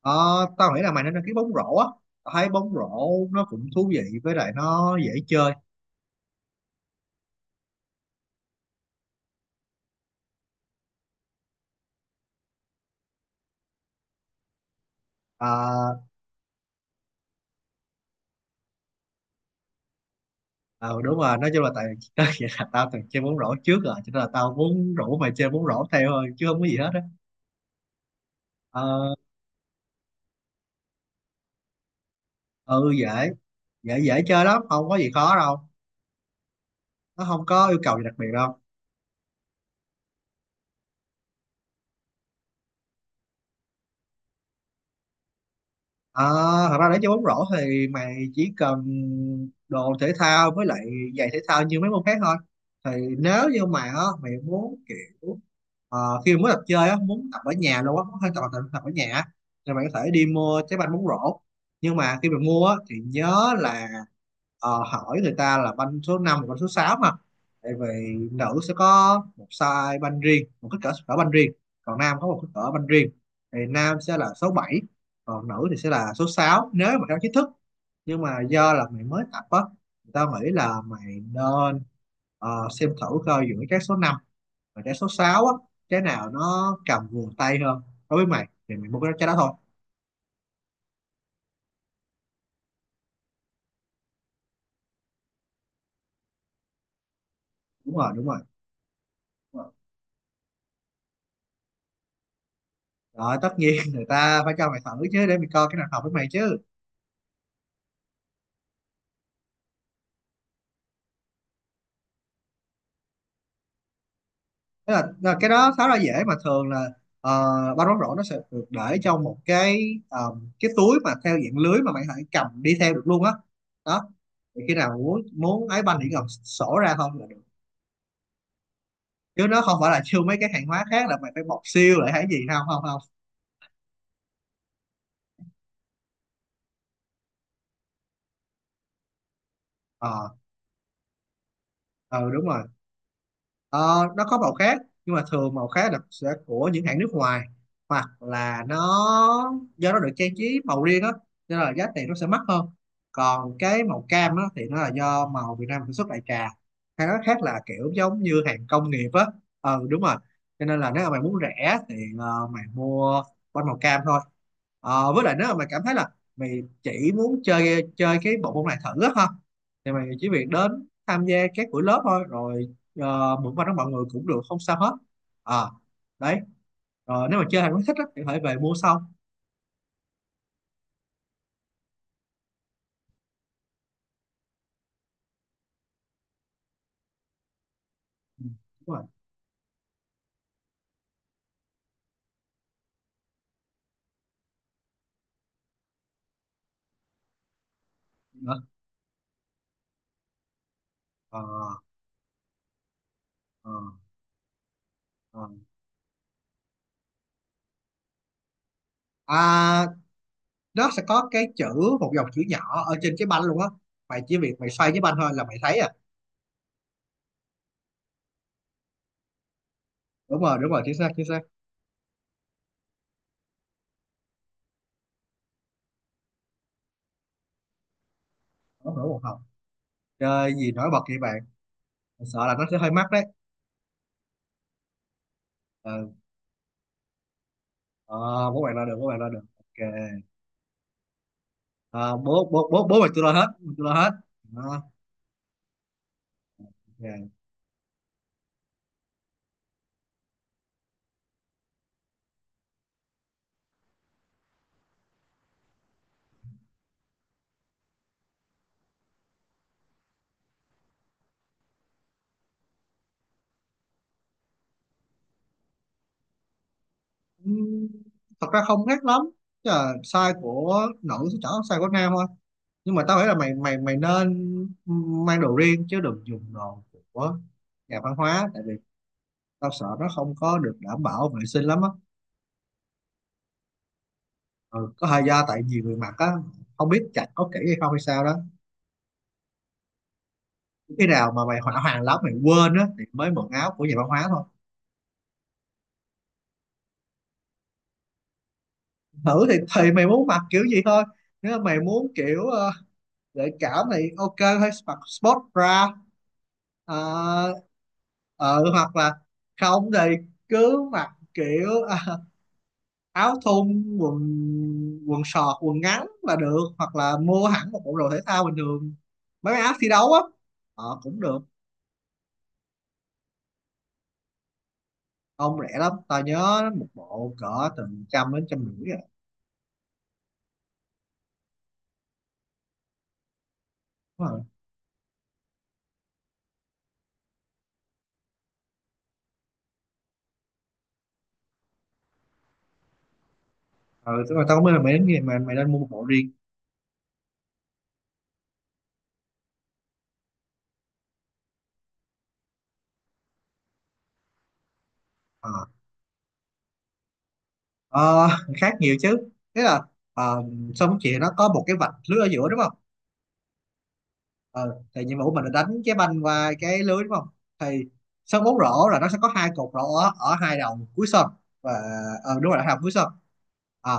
Ờ, tao nghĩ là mày nên đăng ký bóng rổ á. Tao thấy bóng rổ nó cũng thú vị, với lại nó dễ chơi. À, ờ, đúng rồi, nói chung là tại đó, vậy là tao từng chơi bóng rổ trước rồi, cho nên là tao muốn rủ mày chơi bóng rổ theo thôi, chứ không có gì hết á. Ờ, ừ, dễ dễ dễ chơi lắm, không có gì khó đâu, nó không có yêu cầu gì đặc biệt đâu. Ờ, thật ra để chơi bóng rổ thì mày chỉ cần đồ thể thao, với lại giày thể thao như mấy môn khác thôi. Thì nếu như mà á, mày muốn kiểu khi mới tập chơi á, muốn tập ở nhà luôn á, muốn hơi tập tập ở nhà á, thì mày có thể đi mua trái banh bóng rổ. Nhưng mà khi mày mua á, thì nhớ là hỏi người ta là banh số 5 và banh số 6 mà. Tại vì nữ sẽ có một size banh riêng, một cỡ banh riêng, còn nam có một kích cỡ banh riêng. Thì nam sẽ là số 7, còn nữ thì sẽ là số 6 nếu mà theo chính thức. Nhưng mà do là mày mới tập á, thì tao nghĩ là mày nên xem thử coi giữa trái số 5 và trái số 6 á, trái nào nó cầm vừa tay hơn đối với mày, thì mày mua cái trái đó thôi. Đúng rồi, đúng rồi. Đúng rồi. Rồi, tất nhiên người ta phải cho mày thử chứ, để mày coi cái nào hợp với mày chứ. Tức là cái đó khá là dễ, mà thường là ba rón rổ nó sẽ được để trong một cái cái túi mà theo dạng lưới, mà mày phải cầm đi theo được luôn á, đó. Thì khi nào muốn muốn ấy banh chỉ cần sổ ra không là được, chứ nó không phải là siêu mấy cái hàng hóa khác, là mày phải bọc siêu lại hay gì. Không, không, không. Ờ. Ừ, đúng rồi. Ờ, nó có màu khác, nhưng mà thường màu khác là sẽ của những hãng nước ngoài, hoặc là nó do nó được trang trí màu riêng á, nên là giá tiền nó sẽ mắc hơn. Còn cái màu cam á thì nó là do màu Việt Nam sản xuất đại trà, hay nói khác là kiểu giống như hàng công nghiệp á. Ừ, đúng rồi. Cho nên là nếu mà mày muốn rẻ thì mày mua bánh màu cam thôi. Ờ, với lại nếu mà mày cảm thấy là mày chỉ muốn chơi chơi cái bộ môn này thử á ha, thì mày chỉ việc đến tham gia các buổi lớp thôi. Rồi mượn qua đó mọi người cũng được, không sao hết. À, đấy. Ờ, nếu mà chơi hàng quá thích á, thì có thể về mua sau. Ừ, đúng rồi. Đó. Ờ, ờ, ờ. À, nó sẽ có cái chữ, một dòng chữ nhỏ ở trên cái banh luôn á, mày chỉ việc mày xoay cái banh thôi là mày thấy à. Đúng rồi, đúng rồi, chính xác, chính xác. Nó nổi một hồng. Chơi gì nổi bật vậy bạn? Sợ là nó sẽ hơi mắc đấy. Ừ. Ờ, bố bạn lo được, bố bạn lo được, ok. Ờ, bố bố bố bố mày tôi lo hết, tôi lo hết. Đó, ok. Ừm, thật ra không khác lắm. Chứ là size của nữ sẽ chẳng có size của nam thôi, nhưng mà tao nghĩ là mày mày mày nên mang đồ riêng, chứ đừng dùng đồ của nhà văn hóa. Tại vì tao sợ nó không có được đảm bảo vệ sinh lắm á. Ừ, có thời gian tại nhiều người mặc á, không biết chặt có kỹ hay không hay sao đó. Khi nào mà mày hỏa hoàng lắm mày quên á, thì mới mượn áo của nhà văn hóa thôi. Thử thì mày muốn mặc kiểu gì thôi. Nếu mà mày muốn kiểu gợi cảm thì ok, hay mặc sport bra. Ờ, ờ, hoặc là không thì cứ mặc kiểu áo thun, quần quần sọt, quần ngắn là được, hoặc là mua hẳn một bộ đồ thể thao bình thường, mấy cái áo thi đấu á, ờ, cũng được. Không, rẻ lắm, tao nhớ một bộ cỡ từ trăm đến trăm rưỡi rồi. Đúng rồi. Ừ, tức là tao mới là mày đến gì mà mày nên mua một bộ riêng. Ờ. Ờ, khác nhiều chứ. Thế là ờ, xong chị nó có một cái vạch lưới ở giữa, đúng không? Ờ, thì nhiệm vụ mình là đánh cái banh qua cái lưới, đúng không? Thì sân bóng rổ là nó sẽ có hai cột rổ ở, hai đầu cuối sân. Và ờ, đúng rồi, là hai đầu cuối sân. À,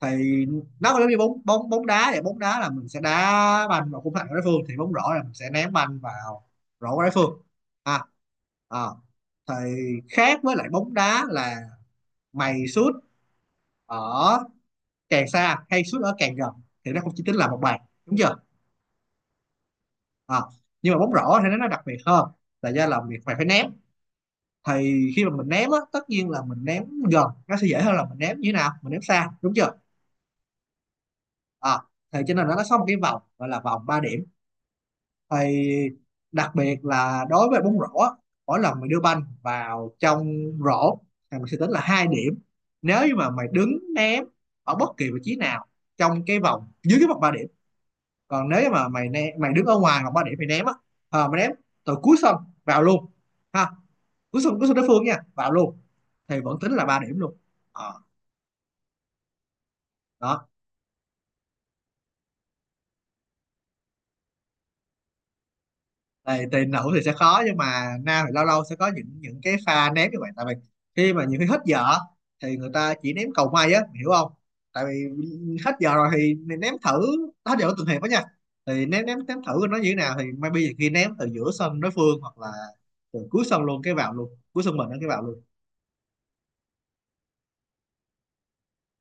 thì nó giống như bóng bóng bóng đá vậy, bóng đá là mình sẽ đá banh vào khung thành của đối phương, thì bóng rổ là mình sẽ ném banh vào rổ của đối phương. À, à, thì khác với lại bóng đá là mày sút ở càng xa hay sút ở càng gần, thì nó không chỉ tính là một bàn, đúng chưa? À, nhưng mà bóng rổ thì nó đặc biệt hơn, là do là việc mày phải ném. Thì khi mà mình ném á, tất nhiên là mình ném gần nó sẽ dễ hơn là mình ném như thế nào mình ném xa, đúng chưa? À, thì cho nên nó có một cái vòng gọi là vòng 3 điểm. Thì đặc biệt là đối với bóng rổ á, mỗi lần mày đưa banh vào trong rổ thì mình sẽ tính là 2 điểm, nếu như mà mày đứng ném ở bất kỳ vị trí nào trong cái vòng, dưới cái vòng 3 điểm. Còn nếu mà mày mày đứng ở ngoài hoặc 3 điểm mày ném á, ờ mày ném từ cuối sân vào luôn ha, cuối sân, cuối sân đối phương nha, vào luôn, thì vẫn tính là 3 điểm luôn. Ờ, đó. Thì nữ thì sẽ khó, nhưng mà nam thì lâu lâu sẽ có những cái pha ném như vậy. Tại vì khi mà nhiều khi hết giờ thì người ta chỉ ném cầu may á, hiểu không? Tại vì hết giờ rồi thì ném thử, hết giờ của từng hiệp đó nha, thì ném ném ném thử nó như thế nào, thì maybe khi ném từ giữa sân đối phương hoặc là từ cuối sân luôn cái vào luôn, cuối sân mình nó cái vào luôn.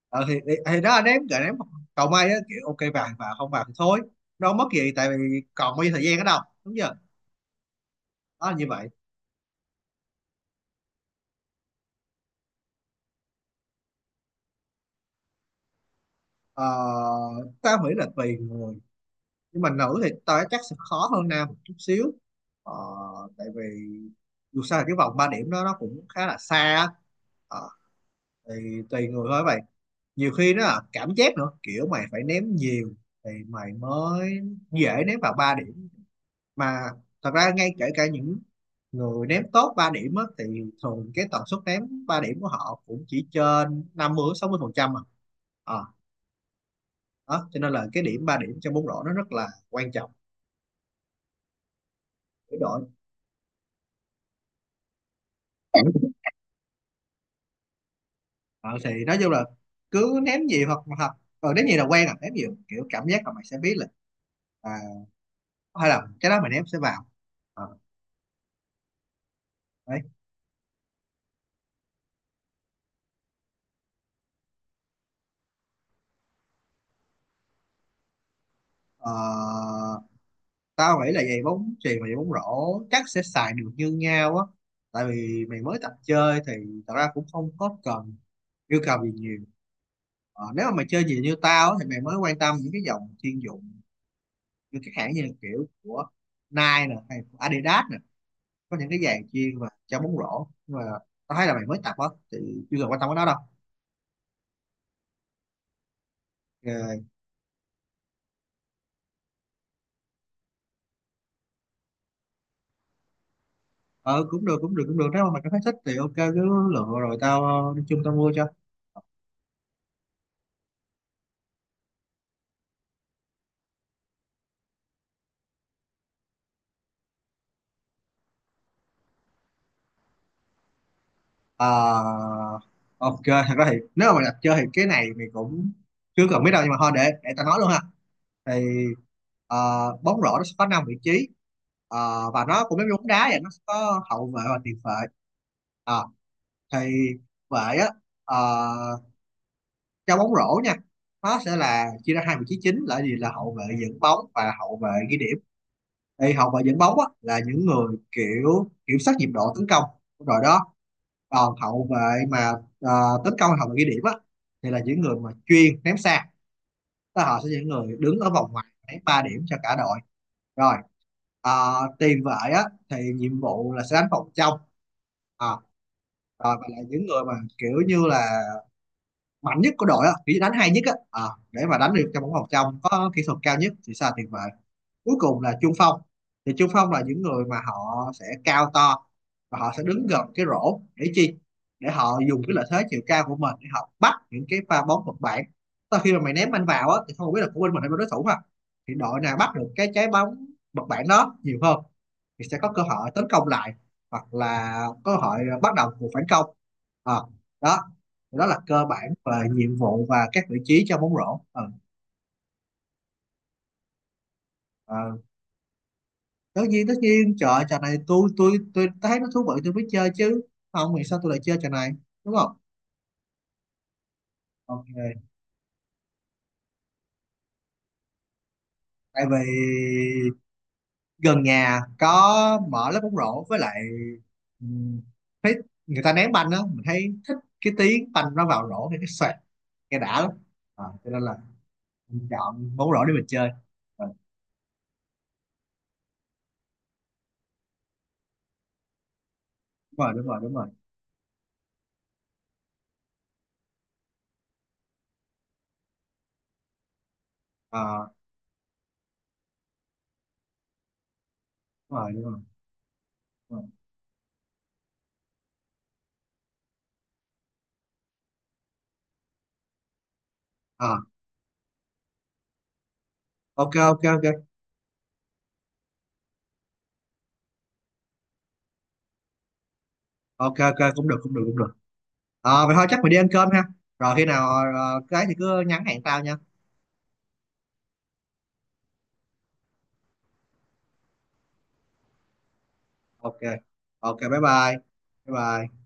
Ờ, thì đó anh em gợi ném cầu may á, kiểu ok vàng và không vàng thì thôi, nó không mất gì, tại vì còn bao nhiêu thời gian ở đâu, đúng chưa? Đó là như vậy. Ờ, tao nghĩ là tùy người, nhưng mà nữ thì tao chắc sẽ khó hơn nam một chút xíu. Ờ, tại vì dù sao là cái vòng 3 điểm đó nó cũng khá là xa á. Ờ, thì tùy người thôi vậy, nhiều khi nó là cảm giác nữa, kiểu mày phải ném nhiều thì mày mới dễ ném vào 3 điểm mà. Thật ra ngay kể cả những người ném tốt 3 điểm á, thì thường cái tần suất ném 3 điểm của họ cũng chỉ trên 50-60% mà. À, ờ, đó cho nên là cái điểm 3 điểm trong bóng rổ nó rất là quan trọng, để đội. Ờ, thì nói chung là cứ ném gì, hoặc hoặc ờ, ném gì là quen à, ném gì, kiểu cảm giác là mày sẽ biết là à, hay là cái đó mày ném sẽ vào. Ờ, đấy. Ờ, tao nghĩ là giày bóng chuyền và giày bóng rổ chắc sẽ xài được như nhau á. Tại vì mày mới tập chơi thì thật ra cũng không có cần yêu cầu gì nhiều. Ờ, nếu mà mày chơi gì như tao á, thì mày mới quan tâm những cái dòng chuyên dụng, như các hãng như kiểu của Nike nè, hay của Adidas nè, có những cái giày chuyên và cho bóng rổ. Nhưng mà tao thấy là mày mới tập á, thì chưa cần quan tâm đến nó đâu. Ờ. Ờ, cũng được, cũng được, cũng được, nếu mà mày cảm thấy thích thì ok, cứ lựa rồi tao đi chung tao mua cho. Ờ, ok. Thật ra thì nếu mà mày đặt chơi thì cái này mình cũng chưa cần biết đâu, nhưng mà thôi để ta nói luôn ha. Thì ờ, bóng rổ nó sẽ có năm vị trí. Ờ, và nó cũng giống như bóng đá vậy, nó sẽ có hậu vệ và tiền vệ. Ờ, thì vệ á, ờ, trong bóng rổ nha, nó sẽ là chia ra hai vị trí chính, là gì, là hậu vệ dẫn bóng và hậu vệ ghi điểm. Thì hậu vệ dẫn bóng á, là những người kiểu kiểm soát nhịp độ tấn công, rồi đó. Còn hậu vệ mà ờ, tấn công, hậu vệ ghi điểm á, thì là những người mà chuyên ném xa, tức là họ sẽ là những người đứng ở vòng ngoài ném 3 điểm cho cả đội. Rồi tiền vệ á thì nhiệm vụ là sẽ đánh vòng trong. À, rồi, và là những người mà kiểu như là mạnh nhất của đội á, kiểu như đánh hay nhất á. Ờ, để mà đánh được cho bóng vòng trong có kỹ thuật cao nhất, thì sẽ là tiền vệ. Cuối cùng là trung phong. Thì trung phong là những người mà họ sẽ cao to, và họ sẽ đứng gần cái rổ để chi, để họ dùng cái lợi thế chiều cao của mình để họ bắt những cái pha bóng vật bản. Sau khi mà mày ném anh vào á, thì không biết là của bên mình hay bên đối thủ mà, thì đội nào bắt được cái trái bóng vật bản đó nhiều hơn, thì sẽ có cơ hội tấn công lại, hoặc là cơ hội bắt đầu cuộc phản công. Ờ, đó, đó là cơ bản và nhiệm vụ và các vị trí trong bóng rổ. Ờ, ờ, tất nhiên, tất nhiên, trời ơi, trò này tôi thấy nó thú vị tôi mới chơi chứ, không thì sao tôi lại chơi trò này, đúng không? Ok, tại vì gần nhà có mở lớp bóng rổ, với lại ừm, thấy người ta ném banh á, mình thấy thích cái tiếng banh nó vào rổ thì cái xoẹt, nghe đã lắm. À, cho nên là mình chọn bóng rổ để mình chơi. Ờ, đúng rồi, đúng rồi, đúng rồi. Ờ, đúng rồi, đúng rồi, đúng rồi. À, ok, ok, ok. Ok, ok, cũng được, cũng được, cũng được. Ờ, vậy thôi, chắc mình đi ăn cơm ha. Rồi khi nào cái thì cứ nhắn hẹn tao nha. Ok. Ok, bye bye. Bye bye.